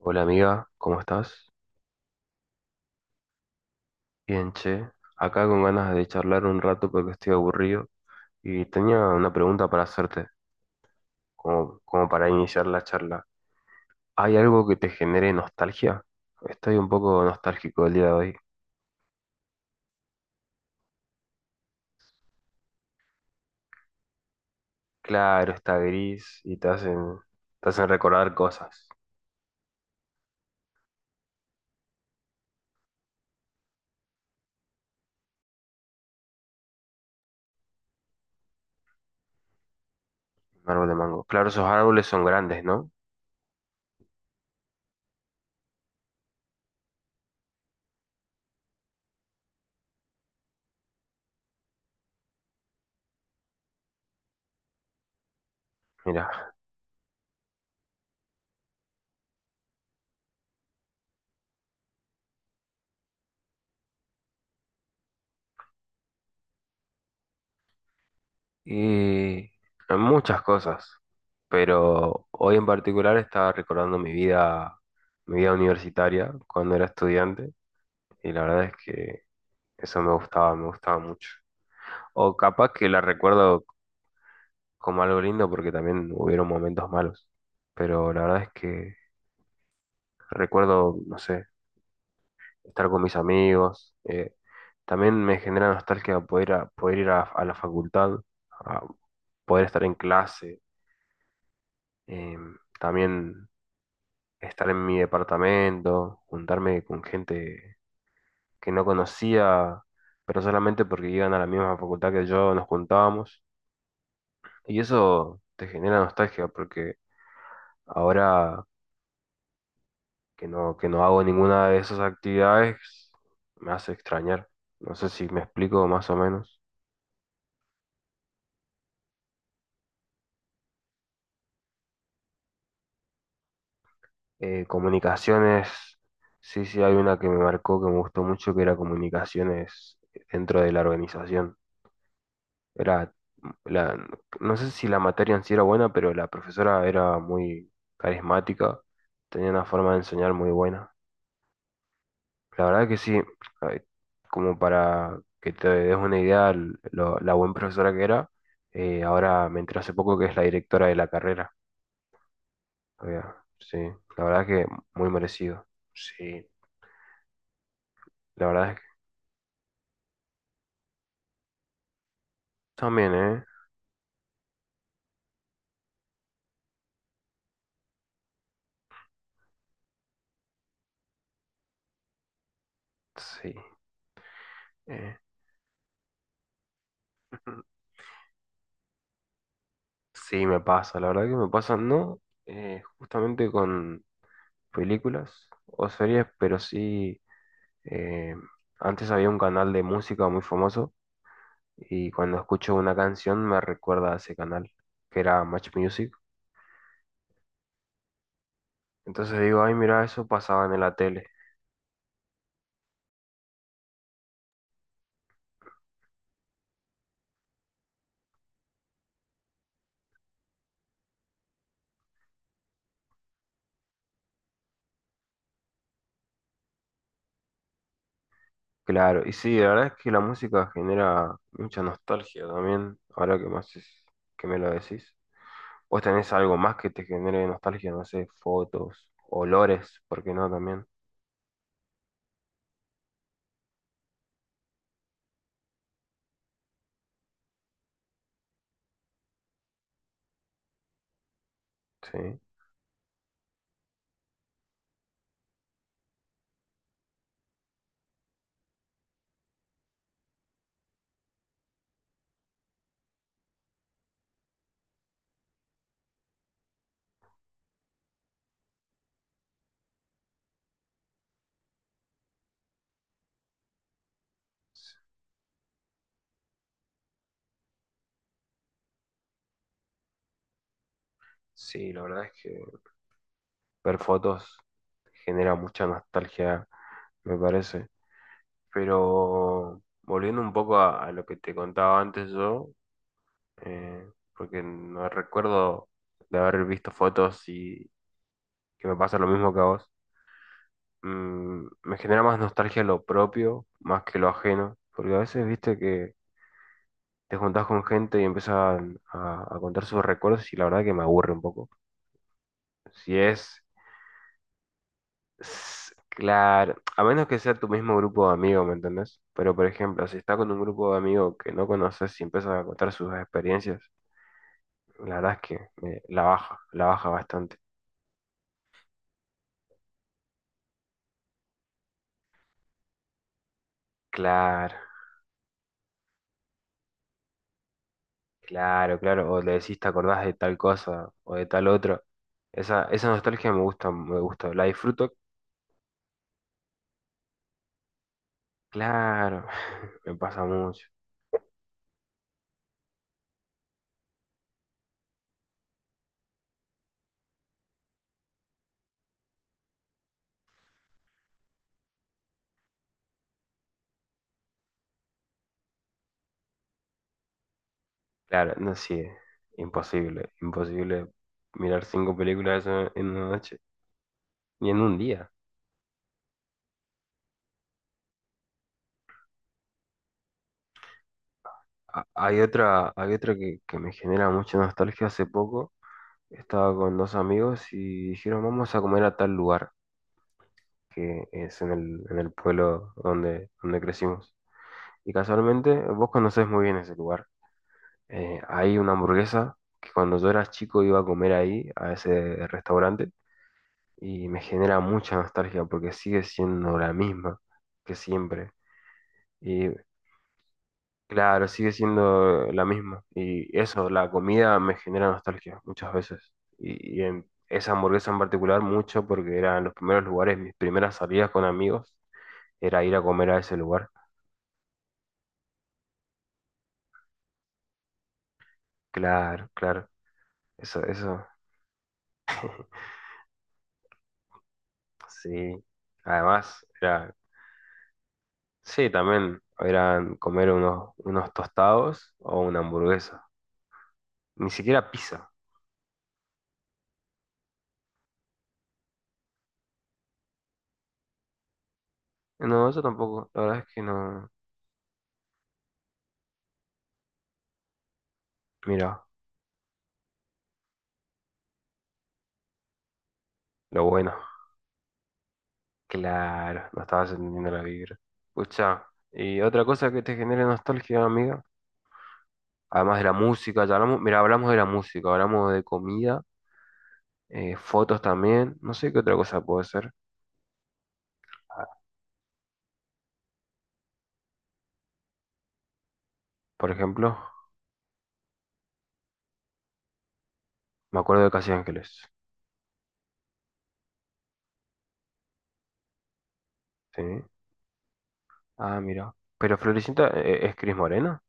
Hola amiga, ¿cómo estás? Bien, che. Acá con ganas de charlar un rato porque estoy aburrido y tenía una pregunta para hacerte, como para iniciar la charla. ¿Hay algo que te genere nostalgia? Estoy un poco nostálgico el día de hoy. Claro, está gris y te hacen recordar cosas. Un árbol de mango. Claro, esos árboles son grandes, ¿no? Mira. Y muchas cosas, pero hoy en particular estaba recordando mi vida universitaria cuando era estudiante y la verdad es que eso me gustaba mucho. O capaz que la recuerdo como algo lindo porque también hubieron momentos malos, pero la verdad es que recuerdo, no sé, estar con mis amigos, también me genera nostalgia poder, poder ir a la facultad, a poder estar en clase, también estar en mi departamento, juntarme con gente que no conocía, pero solamente porque iban a la misma facultad que yo, nos juntábamos. Y eso te genera nostalgia porque ahora que no hago ninguna de esas actividades, me hace extrañar. No sé si me explico más o menos. Comunicaciones, sí, sí, hay una que me marcó que me gustó mucho, que era comunicaciones dentro de la organización. Era, la, no sé si la materia en sí era buena, pero la profesora era muy carismática, tenía una forma de enseñar muy buena. La verdad que sí, eh, como para que te des una idea la buena profesora que era, ahora me entré hace poco que es la directora de la carrera. Eh, sí, la verdad que muy merecido. Sí, la verdad es que también, ¿eh? Sí. eh, Sí, me pasa, la verdad que me pasa, no, justamente con películas o series, pero sí, eh, antes había un canal de música muy famoso y cuando escucho una canción me recuerda a ese canal, que era Match Music. Entonces digo, ay, mira, eso pasaba en la tele. Claro, y sí, la verdad es que la música genera mucha nostalgia también, ahora que más es- que me lo decís. ¿Vos tenés algo más que te genere nostalgia? No sé, fotos, olores, ¿por qué no también? Sí. Sí, la verdad es que ver fotos genera mucha nostalgia, me parece. Pero volviendo un poco a lo que te contaba antes yo, eh, porque no recuerdo de haber visto fotos y que me pasa lo mismo que a vos, me genera más nostalgia lo propio más que lo ajeno, porque a veces viste que te juntás con gente y empiezan a contar sus recuerdos y la verdad que me aburre un poco. Si es S- Claro, a menos que sea tu mismo grupo de amigos, ¿me entendés? Pero, por ejemplo, si está con un grupo de amigos que no conoces y empiezas a contar sus experiencias, la verdad es que la baja bastante. Claro, claro, claro. O le decís, te acordás de tal cosa o de tal otra. Esa nostalgia me gusta, me gusta. La disfruto, claro, me pasa mucho. Claro, no, sí, imposible, imposible mirar cinco películas en una noche, ni en un día. Hay otra que me genera mucha nostalgia. Hace poco estaba con dos amigos y dijeron, vamos a comer a tal lugar, que es en el pueblo donde, donde crecimos. Y casualmente, vos conocés muy bien ese lugar. Hay una hamburguesa que cuando yo era chico iba a comer ahí, a ese restaurante, y me genera mucha nostalgia porque sigue siendo la misma que siempre. Y Claro, sigue siendo la misma. Y eso, la comida me genera nostalgia muchas veces. Y en esa hamburguesa en particular mucho porque eran los primeros lugares, mis primeras salidas con amigos, era ir a comer a ese lugar. Claro, claro. Eso, eso, sí. Además, era, sí, también eran comer unos, unos tostados o una hamburguesa. Ni siquiera pizza. No, eso tampoco. La verdad es que no. Mira, lo bueno. Claro, no estabas entendiendo la vibra. Escucha, y otra cosa que te genere nostalgia, amiga, además de la música, ya hablamos, mira, hablamos de la música, hablamos de comida, fotos también, no sé qué otra cosa puede ser. Ah, por ejemplo, me acuerdo de Casi Ángeles, ¿sí? Ah, mira. Pero Floricienta es Cris Morena.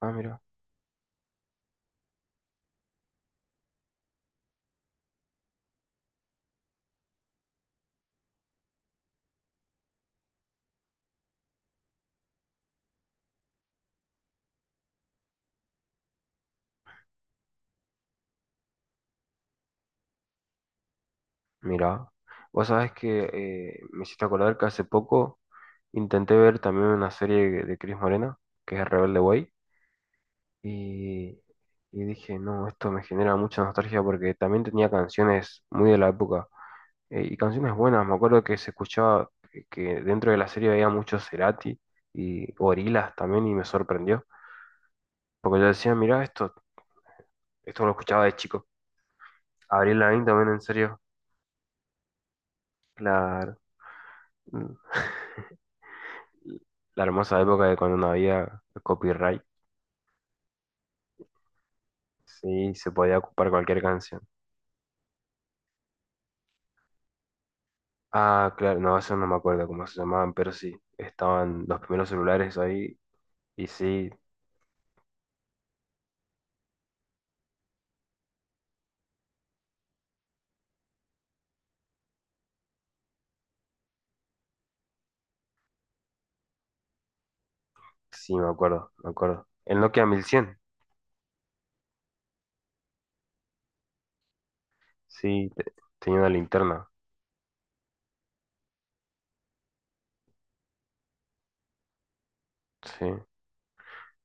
Ah, mira. Mira. Vos sabés que me hiciste acordar que hace poco intenté ver también una serie de Cris Morena, que es Rebelde Way. Y, y dije, no, esto me genera mucha nostalgia porque también tenía canciones muy de la época y canciones buenas. Me acuerdo que se escuchaba que dentro de la serie había mucho Cerati y Gorillaz también y me sorprendió porque yo decía, mirá, esto lo escuchaba de chico. Abril Lavigne también, en serio, la, la hermosa época de cuando no había copyright, sí, se podía ocupar cualquier canción. Ah, claro, no, eso no me acuerdo cómo se llamaban, pero sí, estaban los primeros celulares ahí. Y sí, sí, me acuerdo, me acuerdo. El Nokia 1100 sí, tenía una linterna, sí.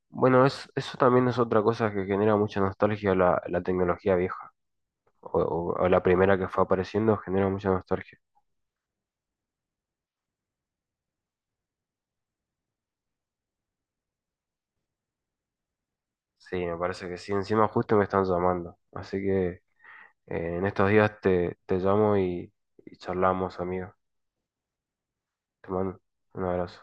Bueno, eso también es otra cosa que genera mucha nostalgia, la tecnología vieja, o la primera que fue apareciendo genera mucha nostalgia. Sí, me parece que sí, encima justo me están llamando, así que en estos días te llamo y charlamos, amigo. Te mando un abrazo.